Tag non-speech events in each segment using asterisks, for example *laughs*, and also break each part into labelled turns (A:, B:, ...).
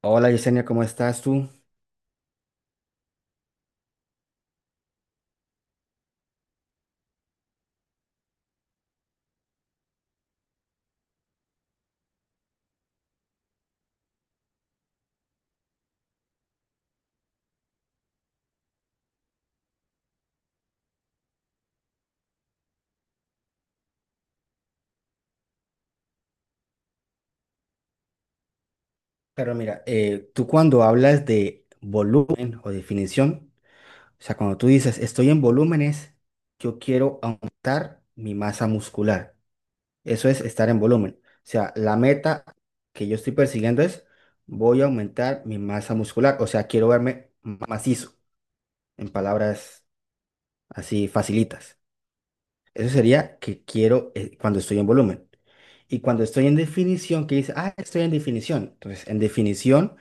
A: Hola Yesenia, ¿cómo estás tú? Pero mira, tú cuando hablas de volumen o definición, o sea, cuando tú dices estoy en volúmenes, yo quiero aumentar mi masa muscular. Eso es estar en volumen. O sea, la meta que yo estoy persiguiendo es voy a aumentar mi masa muscular. O sea, quiero verme macizo, en palabras así facilitas. Eso sería que quiero cuando estoy en volumen. Y cuando estoy en definición, que dice, ah, estoy en definición. Entonces, en definición,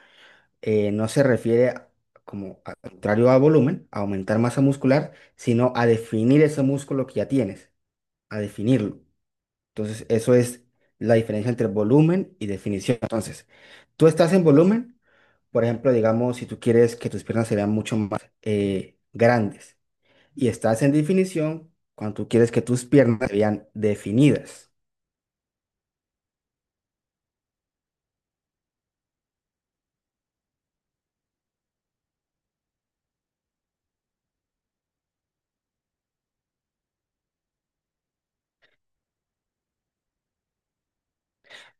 A: no se refiere al contrario a volumen, a aumentar masa muscular, sino a definir ese músculo que ya tienes, a definirlo. Entonces, eso es la diferencia entre volumen y definición. Entonces, tú estás en volumen, por ejemplo, digamos, si tú quieres que tus piernas se vean mucho más grandes, y estás en definición cuando tú quieres que tus piernas se vean definidas.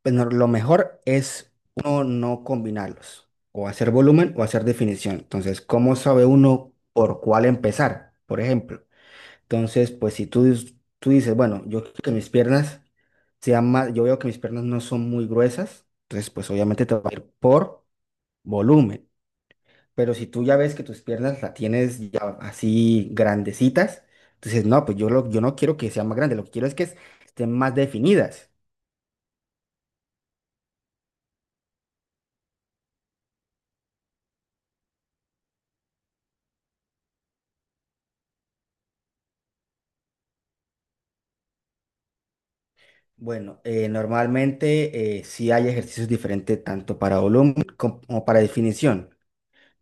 A: Bueno, lo mejor es uno no combinarlos, o hacer volumen o hacer definición. Entonces, ¿cómo sabe uno por cuál empezar? Por ejemplo. Entonces, pues si tú dices, bueno, yo quiero que mis piernas sean más, yo veo que mis piernas no son muy gruesas, entonces pues obviamente te va a ir por volumen. Pero si tú ya ves que tus piernas la tienes ya así grandecitas, entonces no, pues yo no quiero que sean más grandes, lo que quiero es que estén más definidas. Bueno, normalmente sí hay ejercicios diferentes tanto para volumen como para definición,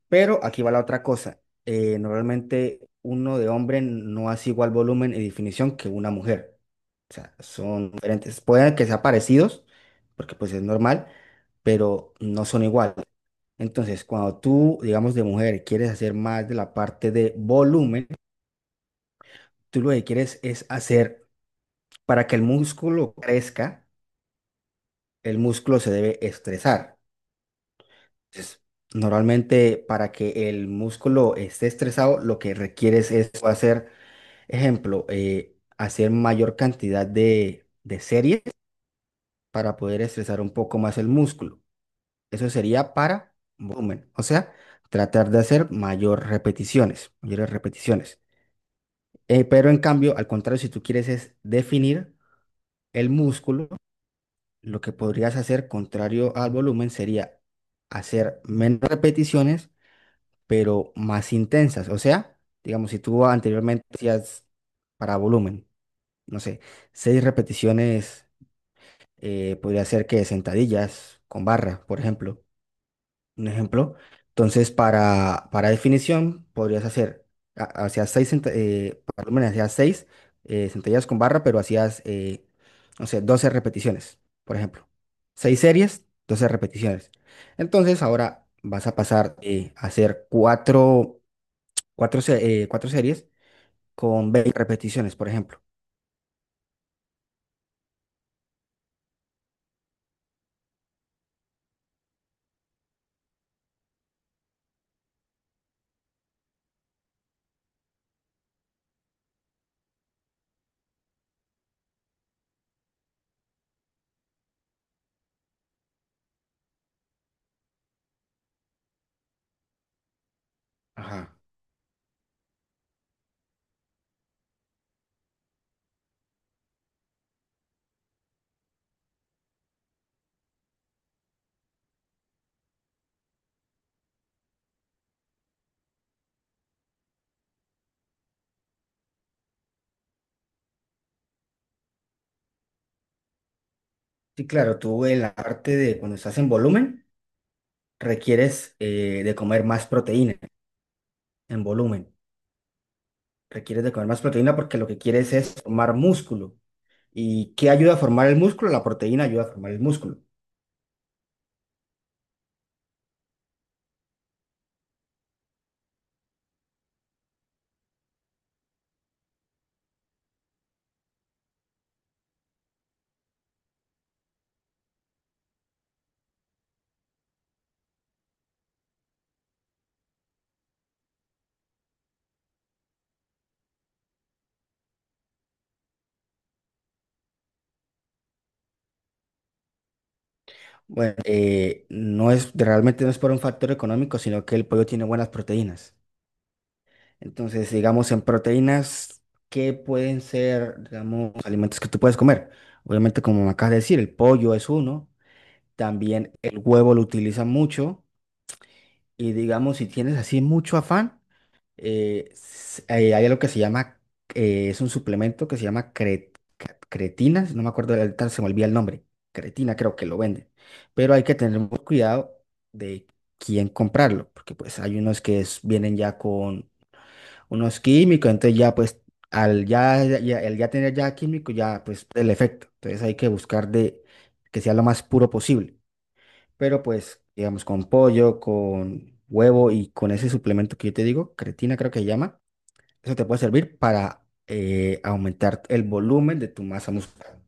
A: pero aquí va la otra cosa. Normalmente uno de hombre no hace igual volumen y definición que una mujer. O sea, son diferentes. Pueden que sean parecidos, porque pues es normal, pero no son iguales. Entonces, cuando tú, digamos, de mujer quieres hacer más de la parte de volumen, tú lo que quieres es hacer para que el músculo crezca, el músculo se debe estresar. Entonces, normalmente para que el músculo esté estresado, lo que requieres es hacer, ejemplo, hacer mayor cantidad de series para poder estresar un poco más el músculo. Eso sería para volumen, o sea, tratar de hacer mayor repeticiones, mayores repeticiones. Pero en cambio, al contrario, si tú quieres es definir el músculo, lo que podrías hacer contrario al volumen sería hacer menos repeticiones, pero más intensas. O sea, digamos, si tú anteriormente hacías para volumen, no sé, seis repeticiones, podría ser que sentadillas con barra, por ejemplo un ejemplo. Entonces, para definición, podrías hacer, hacías seis, cent- por hacías seis centellas con barra, pero hacías, no sé, 12 repeticiones, por ejemplo. Seis series, 12 repeticiones. Entonces, ahora vas a pasar a hacer cuatro series con 20 repeticiones, por ejemplo. Ajá. Sí, claro, tú en la parte de cuando estás en volumen, requieres de comer más proteína en volumen. Requieres de comer más proteína porque lo que quieres es formar músculo. ¿Y qué ayuda a formar el músculo? La proteína ayuda a formar el músculo. Bueno, no es, realmente no es por un factor económico, sino que el pollo tiene buenas proteínas. Entonces, digamos, en proteínas, ¿qué pueden ser, digamos, alimentos que tú puedes comer? Obviamente, como me acabas de decir, el pollo es uno. También el huevo lo utilizan mucho. Y digamos, si tienes así mucho afán, hay algo que se llama, es un suplemento que se llama cretina, no me acuerdo, ahorita se me olvida el nombre, cretina creo que lo venden, pero hay que tener mucho cuidado de quién comprarlo, porque pues hay unos que vienen ya con unos químicos, entonces ya pues al ya tener ya químico, ya pues el efecto, entonces hay que buscar de que sea lo más puro posible, pero pues, digamos, con pollo, con huevo y con ese suplemento que yo te digo, creatina creo que se llama, eso te puede servir para aumentar el volumen de tu masa muscular.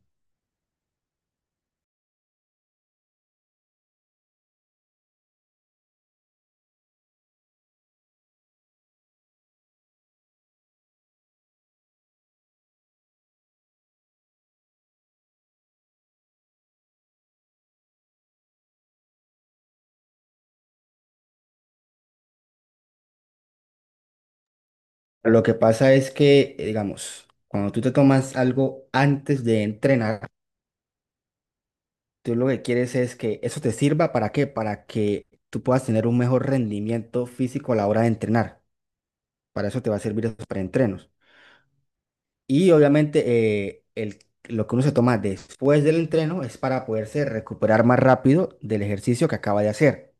A: Lo que pasa es que, digamos, cuando tú te tomas algo antes de entrenar, tú lo que quieres es que eso te sirva para qué, para que tú puedas tener un mejor rendimiento físico a la hora de entrenar. Para eso te va a servir esos preentrenos. Y obviamente eh, el, lo que uno se toma después del entreno es para poderse recuperar más rápido del ejercicio que acaba de hacer.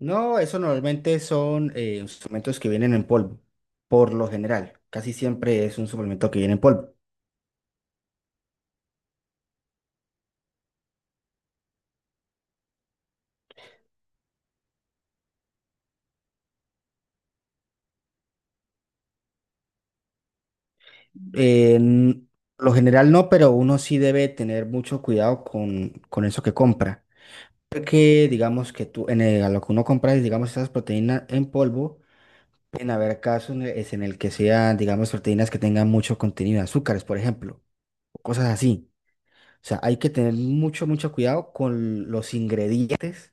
A: No, eso normalmente son suplementos que vienen en polvo, por lo general. Casi siempre es un suplemento que viene en polvo. Eh, n- lo general no, pero uno sí debe tener mucho cuidado con eso que compra. Porque digamos que tú, a lo que uno compra, digamos, esas proteínas en polvo. En haber casos es en el que sean, digamos, proteínas que tengan mucho contenido de azúcares, por ejemplo, o cosas así. O sea, hay que tener mucho, mucho cuidado con los ingredientes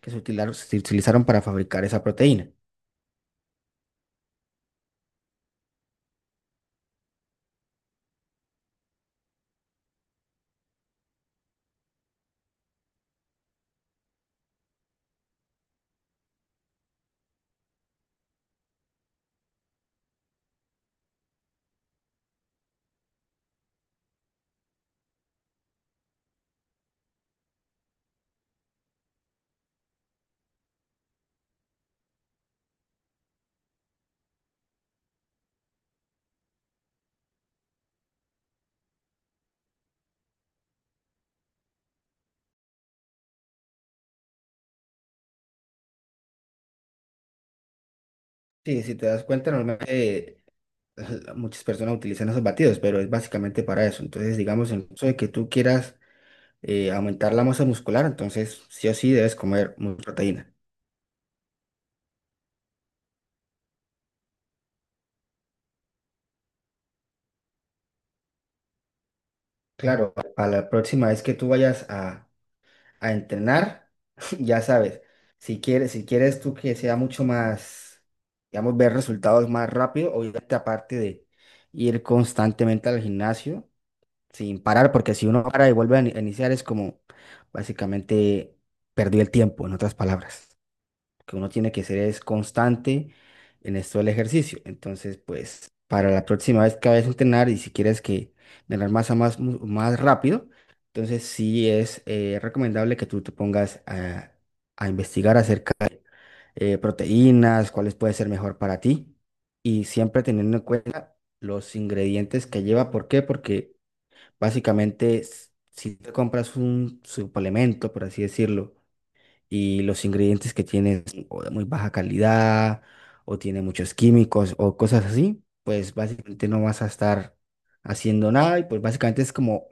A: que se utilizaron para fabricar esa proteína. Sí, si te das cuenta, normalmente muchas personas utilizan esos batidos, pero es básicamente para eso. Entonces, digamos, en caso de que tú quieras aumentar la masa muscular, entonces sí o sí debes comer mucha proteína. Claro, para la próxima vez que tú vayas a entrenar, *laughs* ya sabes, si quieres tú que sea mucho más, digamos, ver resultados más rápido, obviamente aparte de ir constantemente al gimnasio sin parar, porque si uno para y vuelve a a iniciar es como básicamente perdió el tiempo, en otras palabras que uno tiene que ser es constante en esto del ejercicio. Entonces, pues, para la próxima vez que vayas a entrenar y si quieres que ganar masa más, más rápido, entonces sí es recomendable que tú te pongas a investigar acerca de proteínas, cuáles pueden ser mejor para ti y siempre teniendo en cuenta los ingredientes que lleva. ¿Por qué? Porque básicamente si te compras un suplemento, por así decirlo, y los ingredientes que tiene son o de muy baja calidad o tiene muchos químicos o cosas así, pues básicamente no vas a estar haciendo nada y pues básicamente es como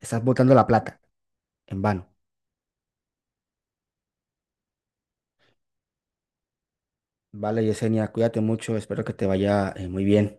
A: estás botando la plata en vano. Vale, Yesenia, cuídate mucho, espero que te vaya muy bien.